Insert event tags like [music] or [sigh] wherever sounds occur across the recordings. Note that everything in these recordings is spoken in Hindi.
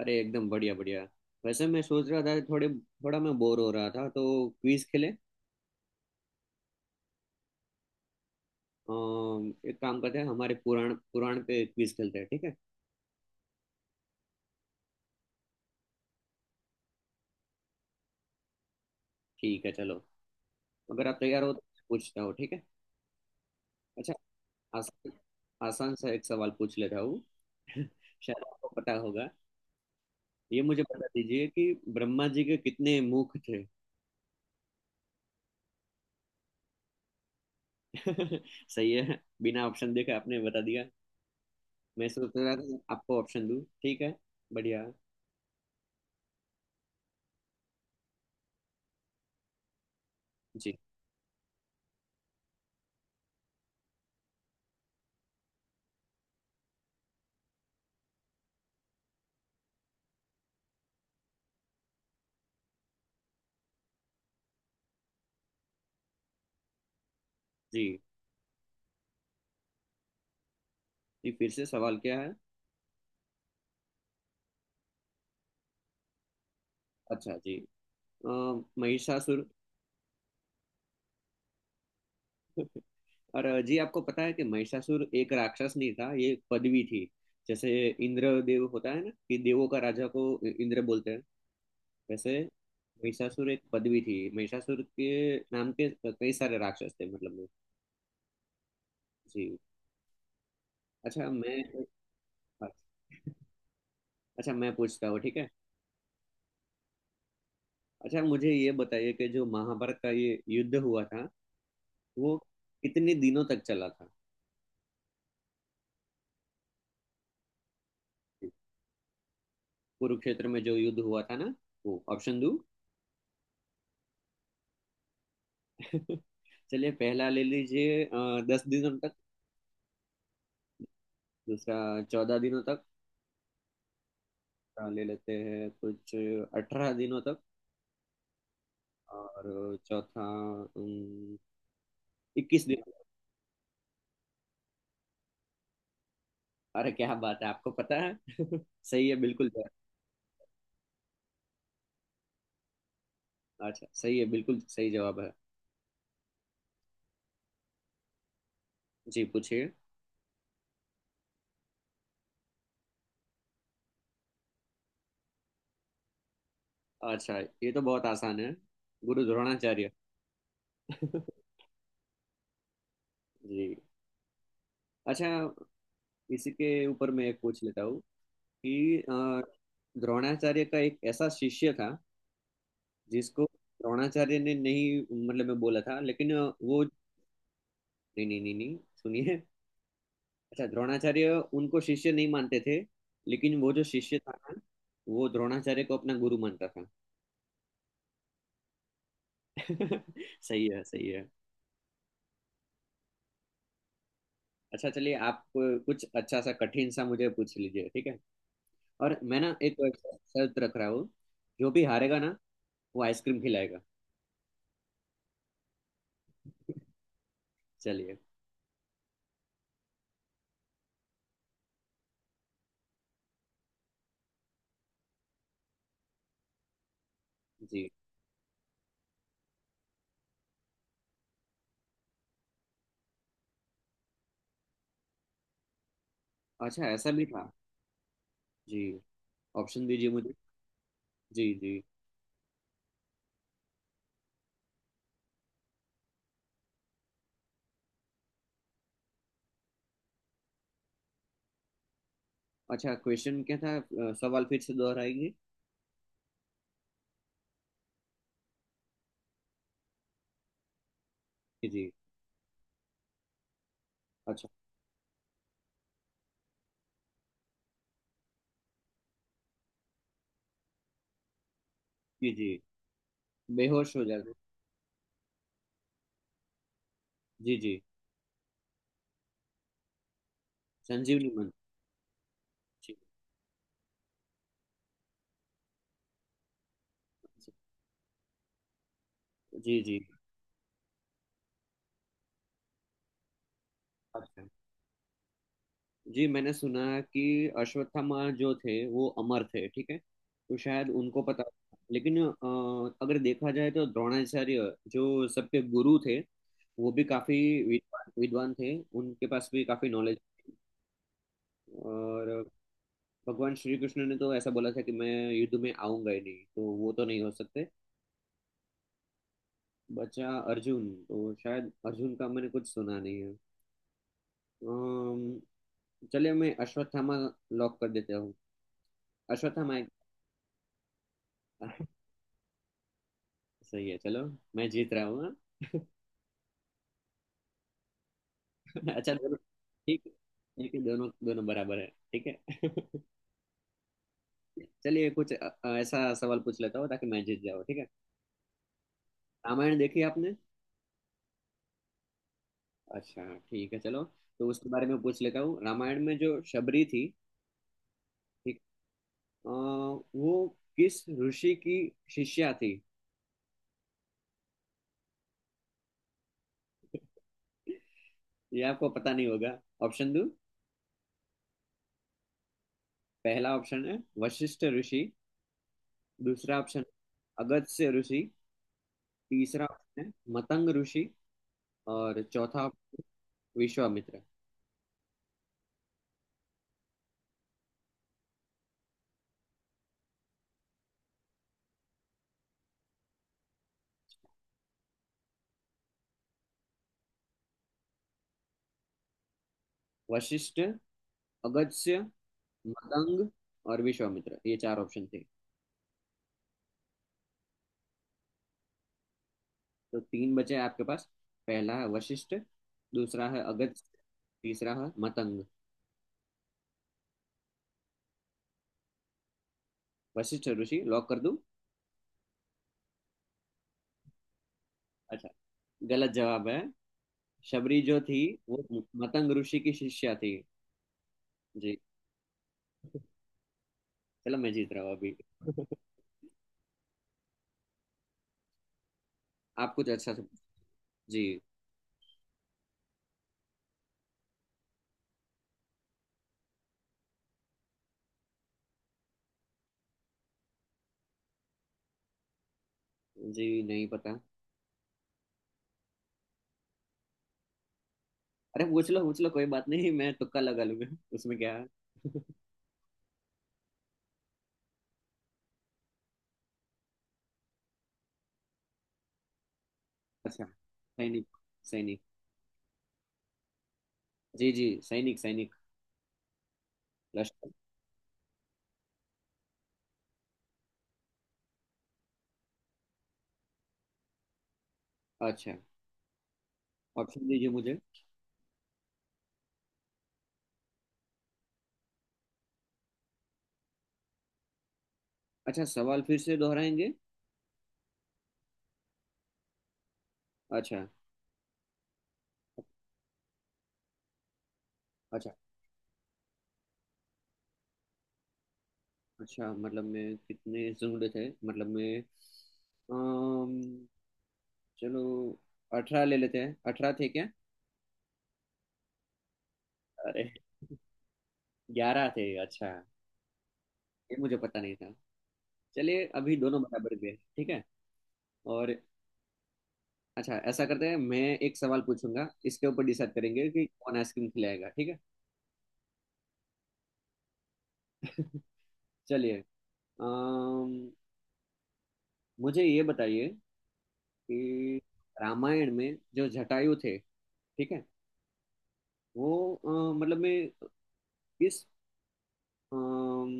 अरे, एकदम बढ़िया बढ़िया। वैसे मैं सोच रहा था, थोड़े थोड़ा मैं बोर हो रहा था तो क्विज खेले एक काम करते हैं, हमारे पुराण पुराण पे क्विज खेलते हैं, ठीक है? ठीक है, चलो। अगर आप तैयार हो तो पूछता हो, ठीक है। अच्छा, आसान आसान सा एक सवाल पूछ लेता हूँ। [laughs] शायद आपको पता होगा। ये मुझे बता दीजिए कि ब्रह्मा जी के कितने मुख थे। [laughs] सही है, बिना ऑप्शन देखे आपने बता दिया। मैं सोच रहा था आपको ऑप्शन दूं, ठीक है। बढ़िया। जी जी। जी, फिर से सवाल क्या है? अच्छा, जी। अ, महिषासुर। और जी, आपको पता है कि महिषासुर एक राक्षस नहीं था, ये एक पदवी थी। जैसे इंद्र देव होता है ना, कि देवों का राजा को इंद्र बोलते हैं। वैसे महिषासुर एक पदवी थी, महिषासुर के नाम के कई सारे राक्षस थे, मतलब में। जी। अच्छा मैं अच्छा मैं पूछता हूँ, ठीक है। अच्छा, मुझे ये बताइए कि जो महाभारत का ये युद्ध हुआ था वो कितने दिनों तक चला था। कुरुक्षेत्र में जो युद्ध हुआ था ना, वो, ऑप्शन दो। [laughs] चलिए, पहला ले लीजिए, 10 दिनों तक। दूसरा, 14 दिनों तक। ले लेते हैं कुछ, 18 दिनों तक। और चौथा, अम, 21 दिनों तक। अरे क्या बात है, आपको पता है! [laughs] सही है, बिल्कुल। अच्छा, सही है, बिल्कुल सही जवाब है। जी, पूछिए। अच्छा, ये तो बहुत आसान है, गुरु द्रोणाचार्य। [laughs] जी। अच्छा, इसी के ऊपर मैं एक पूछ लेता हूँ, कि अ, द्रोणाचार्य का एक ऐसा शिष्य था जिसको द्रोणाचार्य ने नहीं, मतलब मैं बोला था लेकिन, वो। नहीं नहीं नहीं नहीं, सुनिए। अच्छा, द्रोणाचार्य उनको शिष्य नहीं मानते थे, लेकिन वो जो शिष्य था ना, वो द्रोणाचार्य को अपना गुरु मानता था। [laughs] सही है, सही है। अच्छा, चलिए आप कुछ अच्छा सा कठिन सा मुझे पूछ लीजिए, ठीक है। और मैं ना एक शर्त रख रहा हूँ, जो भी हारेगा ना वो आइसक्रीम खिलाएगा। चलिए। जी। अच्छा, ऐसा भी था। जी, ऑप्शन दीजिए मुझे। जी जी। अच्छा, क्वेश्चन क्या था, सवाल फिर से दोहराएंगे। जी जी। अच्छा। जी जी। बेहोश हो जाते। जी जी। संजीवनी मन। जी जी। जी। अच्छा, जी, मैंने सुना कि अश्वत्थामा जो थे वो अमर थे, ठीक है, तो शायद उनको पता था। लेकिन अगर देखा जाए तो द्रोणाचार्य जो सबके गुरु थे, वो भी काफी विद्वान विद्वान थे, उनके पास भी काफी नॉलेज। और भगवान श्री कृष्ण ने तो ऐसा बोला था कि मैं युद्ध में आऊंगा ही नहीं, तो वो तो नहीं हो सकते। बचा अर्जुन, तो शायद अर्जुन का मैंने कुछ सुना नहीं है। अम्म, चलिए मैं अश्वत्थामा लॉक कर देता हूँ। अश्वत्थामा एक- [laughs] सही है, चलो, मैं जीत रहा हूँ हाँ। [laughs] अच्छा, दोनों। ठीक है, ठीक है, दोनों दोनों बराबर है। ठीक है। [laughs] चलिए कुछ ऐसा सवाल पूछ लेता हूँ, ताकि मैं जीत जाऊँ, ठीक है। रामायण देखी है आपने? अच्छा, ठीक है, चलो। तो उसके बारे में पूछ लेता हूँ, रामायण में जो शबरी थी, ठीक, वो किस ऋषि की शिष्या थी। ये आपको पता नहीं होगा। ऑप्शन दो? पहला ऑप्शन है, वशिष्ठ ऋषि। दूसरा ऑप्शन है, अगस्त्य ऋषि। तीसरा ऑप्शन है, मतंग ऋषि। और चौथा, विश्वामित्र। वशिष्ठ, अगस्त्य, मतंग और विश्वामित्र, ये चार ऑप्शन थे। तो तीन बचे आपके पास। पहला है वशिष्ठ, दूसरा है अगस्त्य, तीसरा है मतंग। वशिष्ठ ऋषि लॉक कर दूं? अच्छा, गलत जवाब है। शबरी जो थी, वो मतंग ऋषि की शिष्या थी। जी। चलो, मैं जीत रहा हूँ अभी। [laughs] आप कुछ अच्छा से। जी। जी नहीं पता। अरे पूछ लो, पूछ लो, कोई बात नहीं, मैं तुक्का लगा लूंगा। उसमें क्या है? [laughs] अच्छा, सैनिक, सैनिक। जी जी, सैनिक, सैनिक। लश्कर। अच्छा, ऑप्शन दीजिए मुझे। अच्छा, सवाल फिर से दोहराएंगे। अच्छा। अच्छा, अच्छा, मतलब मैं कितने जुड़े थे, मतलब मैं। अम, चलो, 18 ले लेते हैं, 18 थे क्या? अरे! 11 थे? अच्छा। ये मुझे पता नहीं था। चलिए, अभी दोनों बराबर गए, ठीक है। और। अच्छा, ऐसा करते हैं, मैं एक सवाल पूछूंगा, इसके ऊपर डिसाइड करेंगे कि कौन आइसक्रीम खिलाएगा, ठीक है। [laughs] चलिए, अम, मुझे ये बताइए कि रामायण में जो जटायु थे, ठीक है, वो मतलब में किस, अम,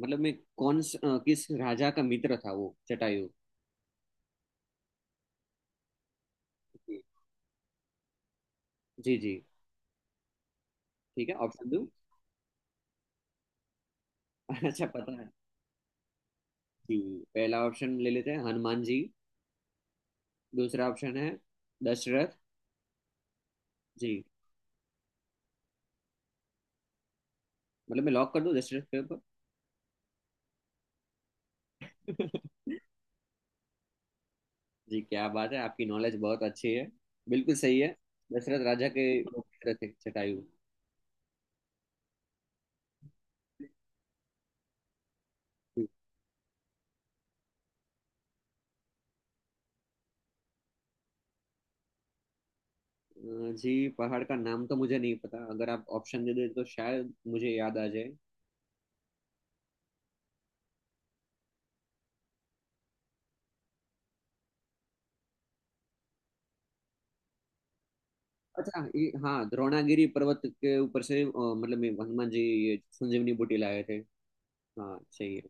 मतलब में किस राजा का मित्र था वो जटायु। जी जी, ठीक है, ऑप्शन दो? [laughs] अच्छा, पता है? जी, पहला ऑप्शन ले लेते हैं, हनुमान जी। दूसरा ऑप्शन है, दशरथ। जी, मतलब मैं लॉक कर दूं दशरथ के ऊपर? [laughs] जी, क्या बात है, आपकी नॉलेज बहुत अच्छी है, बिल्कुल सही है। दशरथ राजा के वो पुत्र थे, जटायु। जी, पहाड़ का नाम तो मुझे नहीं पता, अगर आप ऑप्शन दे दे तो शायद मुझे याद आ जाए। अच्छा, ये, हाँ, द्रोणागिरी पर्वत के ऊपर से, मतलब ये हनुमान जी ये संजीवनी बूटी लाए थे। हाँ, सही है।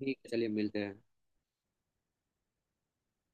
ठीक है, चलिए, मिलते हैं।